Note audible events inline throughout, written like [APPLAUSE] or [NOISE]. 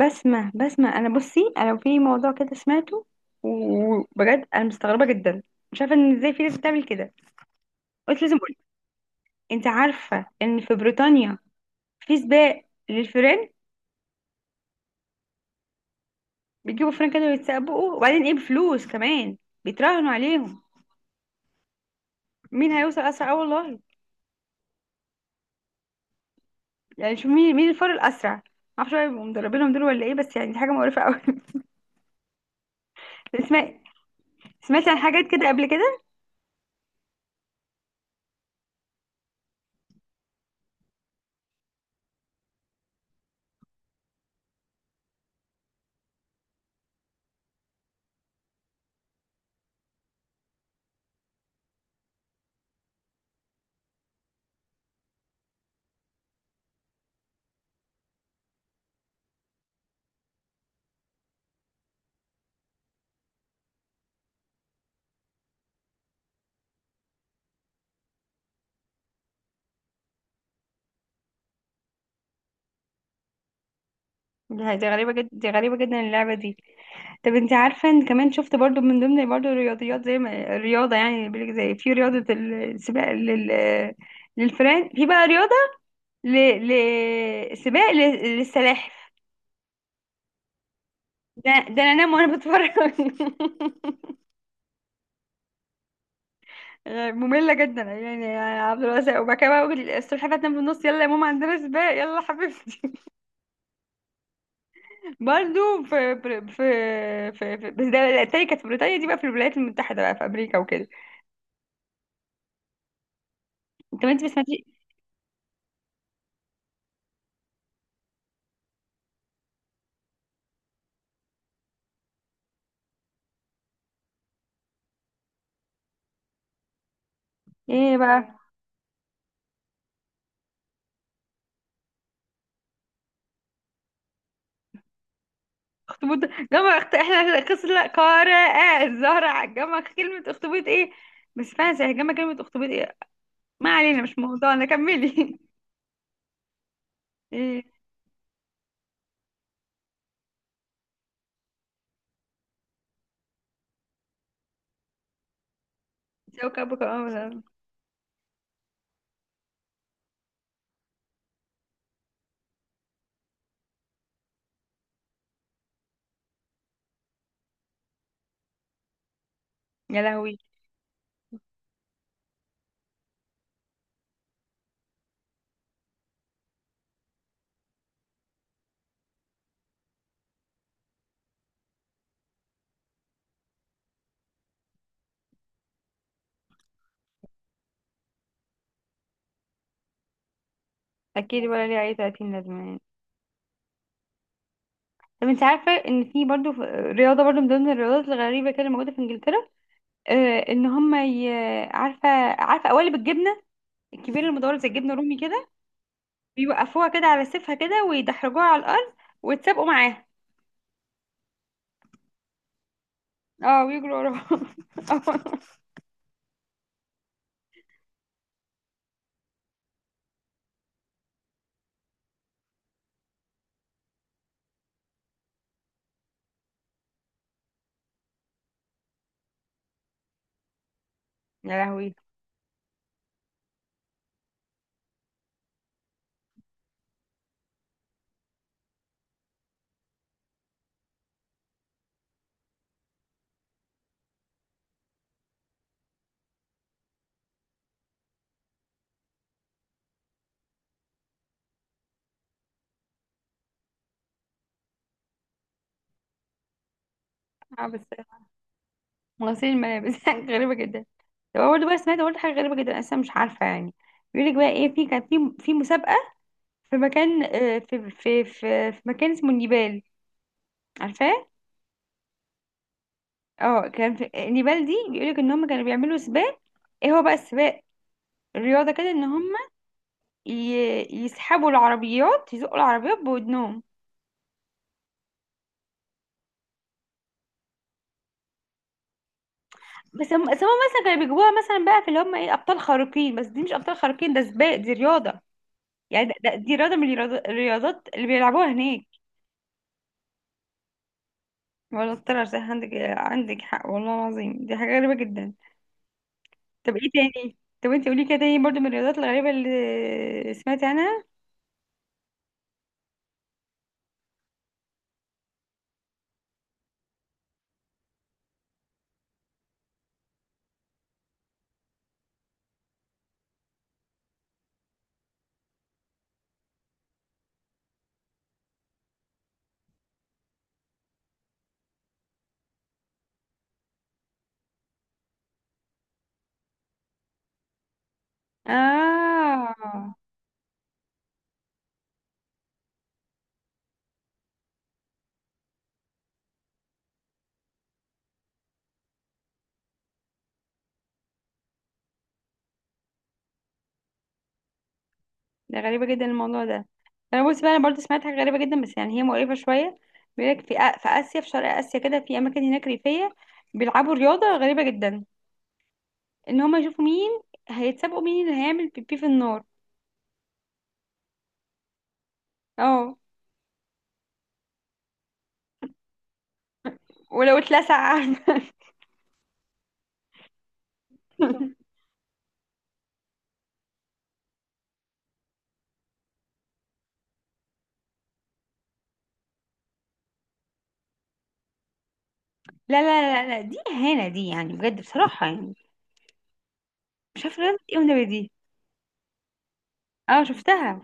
بسمع انا بصي، انا لو في موضوع كده سمعته وبجد انا مستغربه جدا. مش عارفه ان ازاي في ناس بتعمل كده. قلت لازم اقول. انت عارفه ان في بريطانيا في سباق للفيران؟ بيجيبوا فيران كانوا يتسابقوا، وبعدين ايه؟ بفلوس كمان بيتراهنوا عليهم مين هيوصل اسرع. اه والله. يعني شوف مين الفار الاسرع. معرفش بقى يبقوا مدربينهم دول ولا ايه، بس يعني دي حاجه مقرفه قوي. [LAUGHS] سمعت؟ سمعت عن حاجات كده قبل كده. لا، دي غريبة جدا، دي غريبة جدا اللعبة دي. طب انت عارفة ان كمان شفت برضو من ضمن برضو الرياضيات، زي ما الرياضة يعني بيقولك، زي في رياضة السباق لل للفئران، في بقى رياضة ل... سباق للسلاحف. ده انا انام وانا بتفرج. [LAUGHS] مملة جدا يعني يا عبد الواسع، وبعد كده بقى أقول السلحفاة تنام في النص، يلا يا ماما عندنا سباق، يلا حبيبتي. [LAUGHS] برضو في بس ده التاني كانت في بريطانيا، دي بقى في الولايات المتحدة، بقى في أمريكا وكده. طب انت ما سمعتيش؟ ايه بقى؟ اخطبوط، جمع اخت احنا خسر قارئة الزهرة، عجمع كلمة اخطبوط ايه؟ بس فعلا سيهجمع كلمة اخطبوط ايه؟ ما علينا، مش موضوعنا، كملي. [LAUGHS] ايه؟ كوكبك الأرض. يا لهوي. اكيد، ولا ليه اي 30 لازمة يعني. طب انت عارفة ان في برضو رياضة برضو من ضمن الرياضات الغريبة كده موجودة في انجلترا؟ آه، ان هم عارفة؟ عارفة قوالب الجبنة الكبيرة المدورة زي الجبنة الرومي كده؟ بيوقفوها كده على سيفها كده، ويدحرجوها على الأرض، ويتسابقوا معاها. اه، بيجروا ورا بعض. [LAUGHS] يا لهوي. اه بس. غسيل الملابس. [LAUGHS] غريبة جدا. طب أنا برضه بقى سمعت برضه حاجة غريبة جدا، أنا لسه مش عارفة يعني. بيقولك بقى ايه، في كان في في مسابقة في مكان، في مكان اسمه النيبال، عارفاه؟ اه، كان في النيبال دي بيقولك ان هم كانوا بيعملوا سباق، ايه هو بقى السباق، الرياضة كده، ان هم يسحبوا العربيات، يزقوا العربيات بودنهم. بس هم مثلا كانوا بيجيبوها مثلا بقى في اللي هم ايه ابطال خارقين، بس دي مش ابطال خارقين، ده سباق، دي رياضة. يعني دي رياضة من الرياضات اللي بيلعبوها هناك. ولا طلع صح عندك، عندك حق والله العظيم، دي حاجة غريبة جدا. طب ايه تاني؟ طب انت قولي كده تاني برضو من الرياضات الغريبة اللي سمعت عنها. اه، ده غريبة جدا الموضوع ده. انا بص بقى، انا برضو سمعت حاجة غريبة جدا بس يعني هي مقرفة شوية. بيقولك في في آسيا، في شرق آسيا كده، في أماكن هناك ريفية بيلعبوا رياضة غريبة جدا، ان هما يشوفوا مين هيتسابقوا، مين اللي هيعمل بيبي في النار. اه. ولو اتلسع عارفة. [LAUGHS] لا لا لا لا، دي اهانه دي يعني، بجد بصراحه يعني. مش عارفه لازم ايه والنبي دي. اه شفتها.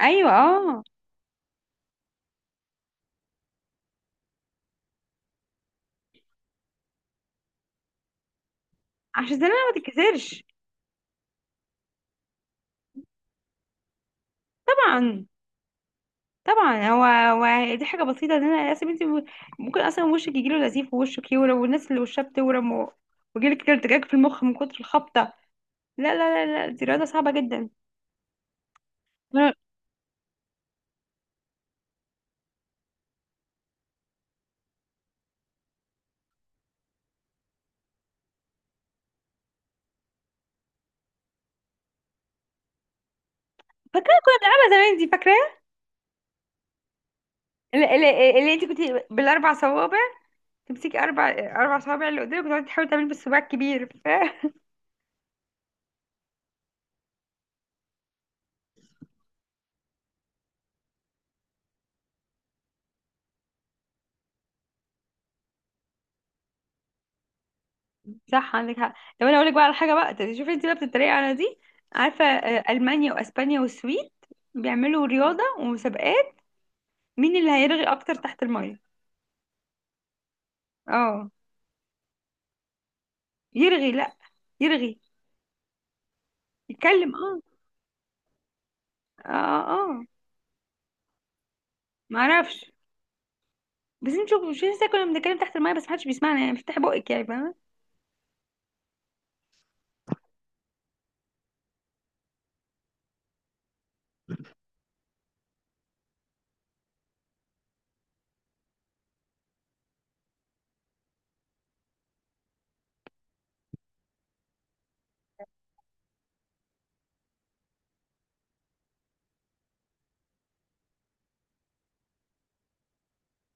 ايوه اه. عشان زمان ما تتكسرش. طبعا. طبعا هو، هو دي حاجه بسيطه، ان انا اصلا، انت ممكن اصلا وشك يجيله نزيف، ووشك يورم، والناس اللي وشها بتورم ويجيلك كده ارتجاج في المخ من كتر الخبطه. لا لا لا لا، دي رياضه صعبه جدا. أنا فاكره، انا زمان دي فاكره. اللي انت كنت بالاربع صوابع، تمسكي اربع صوابع اللي قدامك وتقعدي تحاولي تعملي بالصباع الكبير. صح، عندك حق. طب انا اقول لك بقى على حاجه بقى، طب شوفي انت بقى بتتريقي على دي، عارفه المانيا واسبانيا والسويد بيعملوا رياضه ومسابقات مين اللي هيرغي اكتر تحت الميه؟ اه، يرغي، لا، يرغي، يتكلم اه. اه. اه. آه. ما اعرفش، بس انت شوفوا، مش لسه كنا بنتكلم تحت الميه بس محدش بيسمعنا يعني، افتحي بقك يعني، فاهمه؟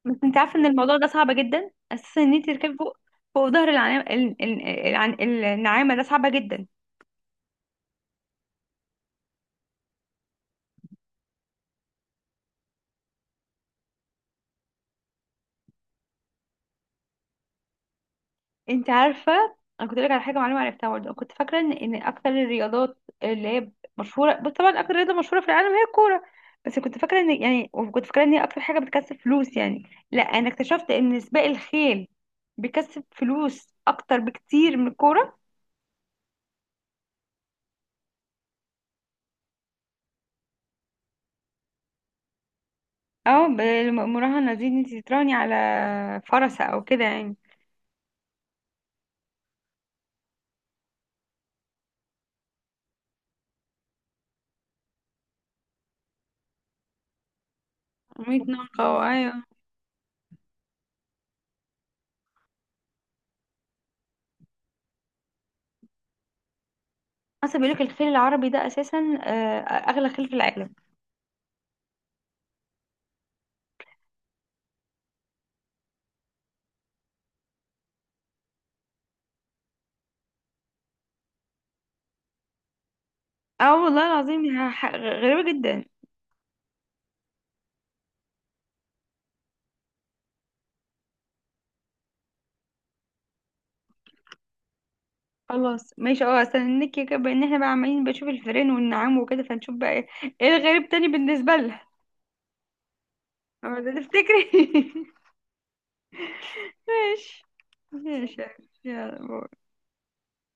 بس انت عارفه ان الموضوع ده صعب جدا اساسا، ان انت تركبي فوق فوق ظهر العناعه، النعامه، ده صعبه جدا. انت عارفه، انا كنت لك على حاجه معلومه عرفتها برضه، كنت فاكره ان اكتر الرياضات اللي هي مشهوره، بس طبعا اكتر رياضه مشهوره في العالم هي الكوره، بس كنت فاكره ان يعني، وكنت فاكره ان هي اكتر حاجه بتكسب فلوس يعني. لا، انا اكتشفت ان سباق الخيل بيكسب فلوس اكتر بكتير من الكوره. اه، بالمراهنه دي، ان انت تتراهني على فرسه او كده يعني. 100 ناقه او ايوه. اصلا بيقولك الخيل العربي ده اساسا، اغلى خيل في العالم. اه والله العظيم يعني، غريبه جدا. خلاص ماشي، اه استنيك كده، بان احنا بقى عمالين بنشوف الفيران والنعام وكده، فنشوف بقى ايه، ايه الغريب تاني بالنسبة لها. أما تفتكري. [LAUGHS] ماشي، ماشي. يلا باي.